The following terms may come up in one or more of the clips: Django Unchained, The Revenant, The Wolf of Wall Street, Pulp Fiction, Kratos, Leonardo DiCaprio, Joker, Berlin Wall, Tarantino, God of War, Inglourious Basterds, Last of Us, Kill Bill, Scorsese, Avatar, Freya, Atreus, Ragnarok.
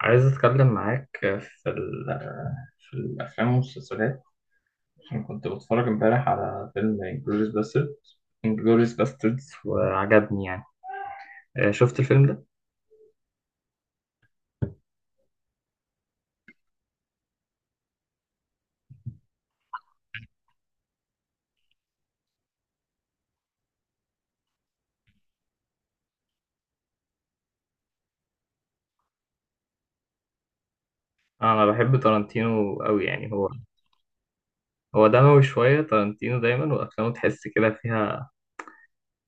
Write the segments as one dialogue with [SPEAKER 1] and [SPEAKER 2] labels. [SPEAKER 1] عايز أتكلم معاك في ال في الأفلام والمسلسلات، عشان كنت بتفرج امبارح على فيلم انجلوريس باستردز، انجلوريس باستردز، وعجبني يعني. شفت الفيلم ده؟ أنا بحب تارانتينو أوي، يعني هو دموي شوية، تارانتينو دايما وأفلامه تحس كده فيها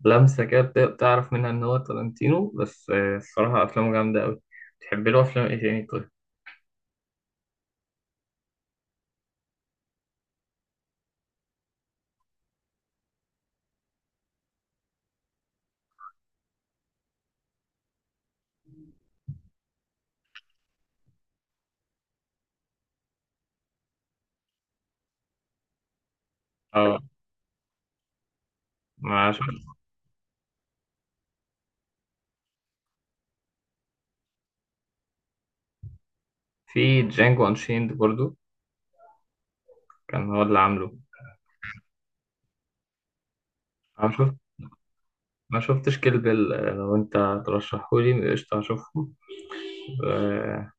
[SPEAKER 1] لمسة كده بتعرف منها إن هو تارانتينو، بس الصراحة أفلامه جامدة أوي. بتحب له أفلام إيه تاني طيب؟ آه، ما شفت. في جانجو أنشيند برضو، كان هو اللي عامله. ما شفتش كيل بيل، لو انت ترشحهولي قشطة هشوفه. آه،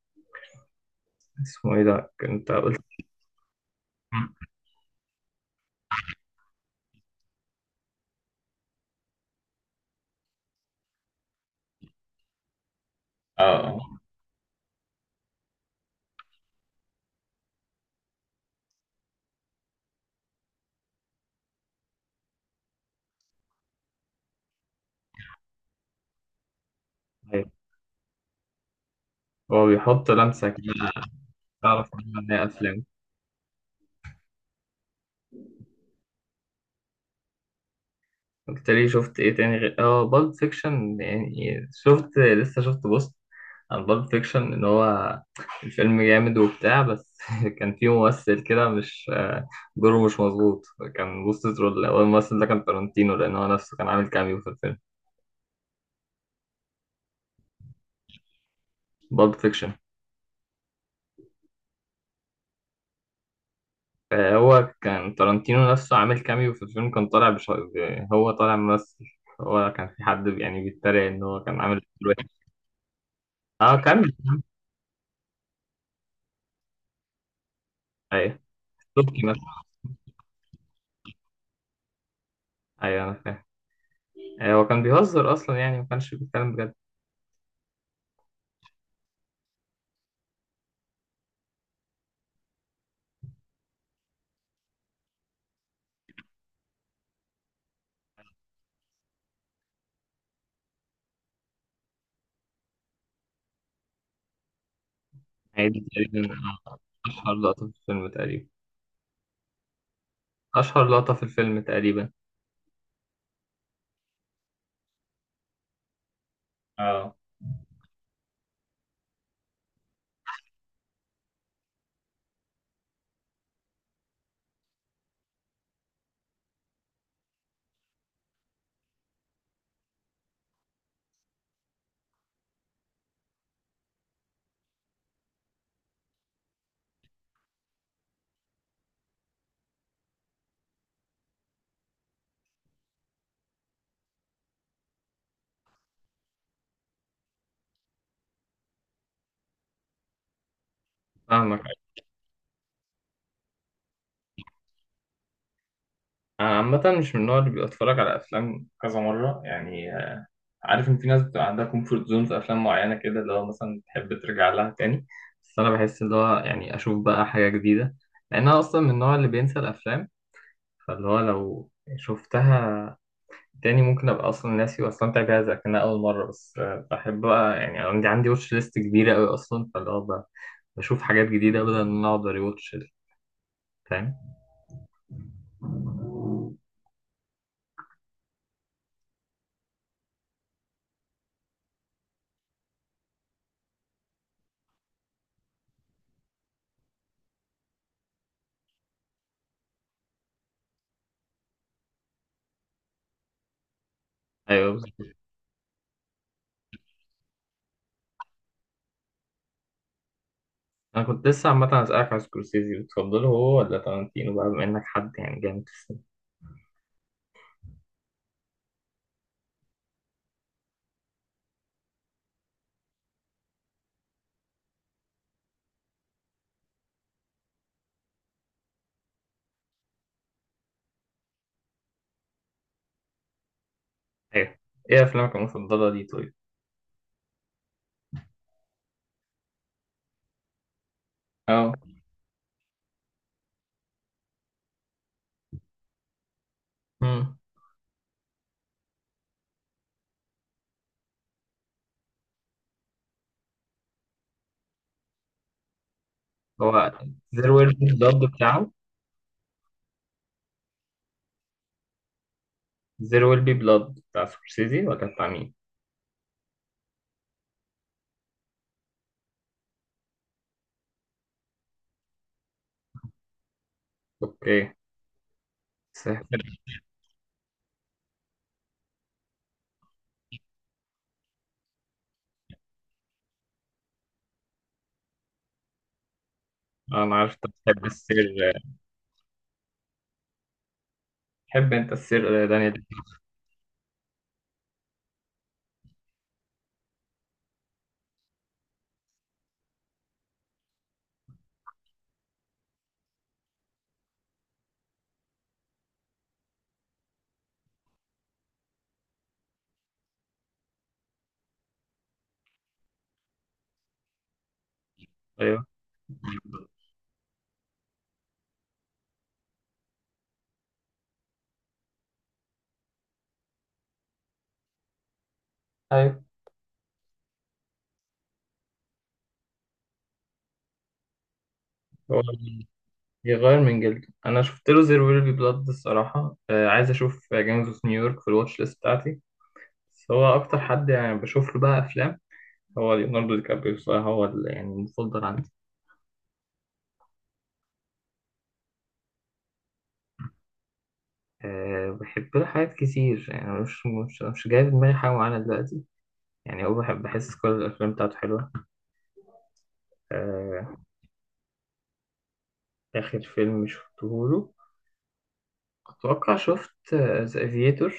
[SPEAKER 1] اسمه ايه ده انت قلت؟ اه، اه. أيوة. هو بيحط لمسة كده تعرف منها ان هي افلام. قلت لي شفت ايه تاني غير بالب فيكشن؟ يعني شفت لسه شفت بوست عن بالب فيكشن، ان هو الفيلم جامد وبتاع، بس كان فيه ممثل كده مش دوره مش مظبوط، كان بوست ترول هو الممثل ده كان تارانتينو لان هو نفسه كان عامل كاميو في الفيلم. بالب فيكشن. هو كان تارانتينو نفسه عامل كاميو في الفيلم، كان طالع هو طالع ممثل، هو كان في حد يعني بيتريق ان هو كان عامل دور وحش. اه، كاميو. ايوه، توكي مثلا. ايوه انا فاهم. هو كان بيهزر اصلا يعني ما كانش بيتكلم بجد. يعني دي تقريبا اشهر لقطة في الفيلم تقريبا، اشهر لقطة في الفيلم تقريبا. اه، فاهمك. أنا عامة مش من النوع اللي بيتفرج على أفلام كذا مرة يعني، عارف ان في ناس بتبقى عندها كومفورت زون في افلام معينه كده اللي هو مثلا تحب ترجع لها تاني، بس انا بحس اللي هو يعني اشوف بقى حاجه جديده، لان انا اصلا من النوع اللي بينسى الافلام، فاللي هو لو شفتها تاني ممكن ابقى اصلا ناسي واستمتع بيها زي كانها اول مره. بس بحب بقى يعني عندي واتش ليست كبيره قوي اصلا، فاللي هو بشوف حاجات جديده بدل ان انا اقعد اريوتش. فاهم. ايوه، بالظبط. انا كنت لسه عامه اسالك على سكورسيزي، بتفضله هو ولا تارانتينو بقى بما انك حد يعني جامد في السينما؟ ايوه. ايه افلامك المفضله دي طيب؟ اه. مم. هو زير ويل بي بلاد بتاعه. زير ويل بي بلاد بتاع سكورسيزي ولا بتاع مين؟ اوكي. بس انا عارف انت بتحب السير. تحب انت السير دانيال؟ ايوه، ايوه. هو بيغير من جلده، انا شفت له زير ويل بي بلاد الصراحه، عايز اشوف جيمز اوف نيويورك في الواتش ليست بتاعتي، بس هو اكتر حد يعني بشوف له بقى افلام هو ليوناردو دي كابريو الصراحه، هو يعني المفضل عندي. أه، بحب له حاجات كتير يعني، مش جاي في دماغي حاجه معينه دلوقتي، يعني هو بحب، بحس كل الأفلام بتاعته حلوة. آه، آخر فيلم شفته له أتوقع شفت ذا افيتور،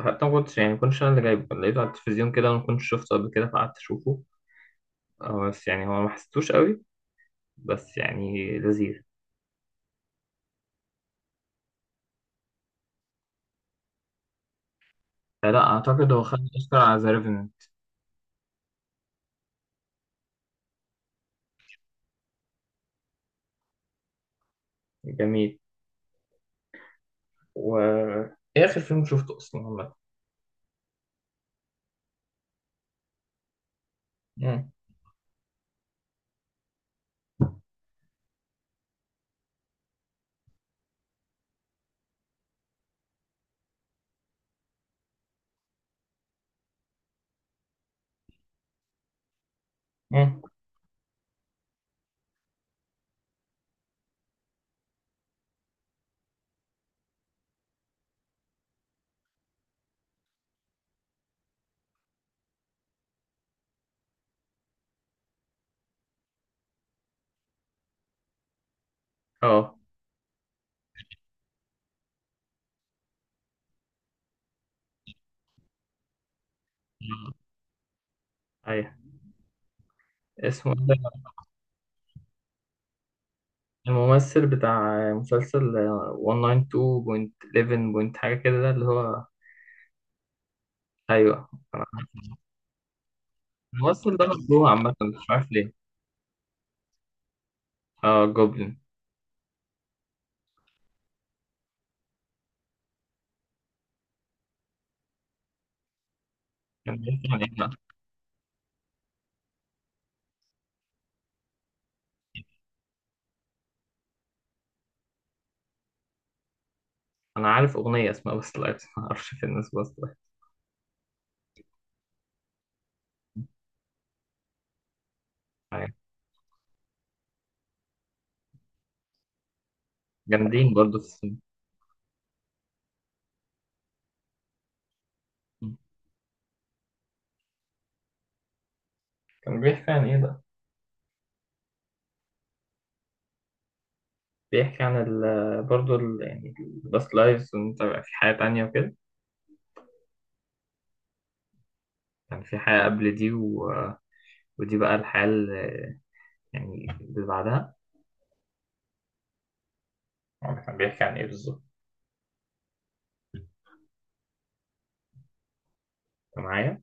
[SPEAKER 1] حتى ما كنتش يعني ما كنتش أنا اللي جايبه، لقيته على التلفزيون كده وما كنتش شفته قبل كده، فقعدت أشوفه. بس يعني هو ما حسيتوش قوي، بس يعني لذيذ. فلا، أعتقد هو خد أوسكار على ذا ريفننت. جميل. و إيه آخر فيلم شفته أصلا عامة؟ مم. مم. اه. أيوه. اسمه إيه ده؟ الممثل بتاع مسلسل 192.11 بوينت حاجة كده ده اللي هو. ايوه. الممثل ده مخلوع عامة مش عارف ليه. اه، جوبلين. كان بيحكي عن ايه بقى؟ انا عارف اغنية اسمها بس لايف، ما اعرفش في الناس بس لايف. جامدين برضه في السينما. كان بيحكي عن ايه بقى؟ بيحكي عن برضه يعني الباست لايفز، وانت بقى في حياة تانية وكده، كان في حياة قبل دي ودي بقى الحياة اللي يعني اللي بعدها. هو كان بيحكي عن ايه بالظبط؟ أنت معايا؟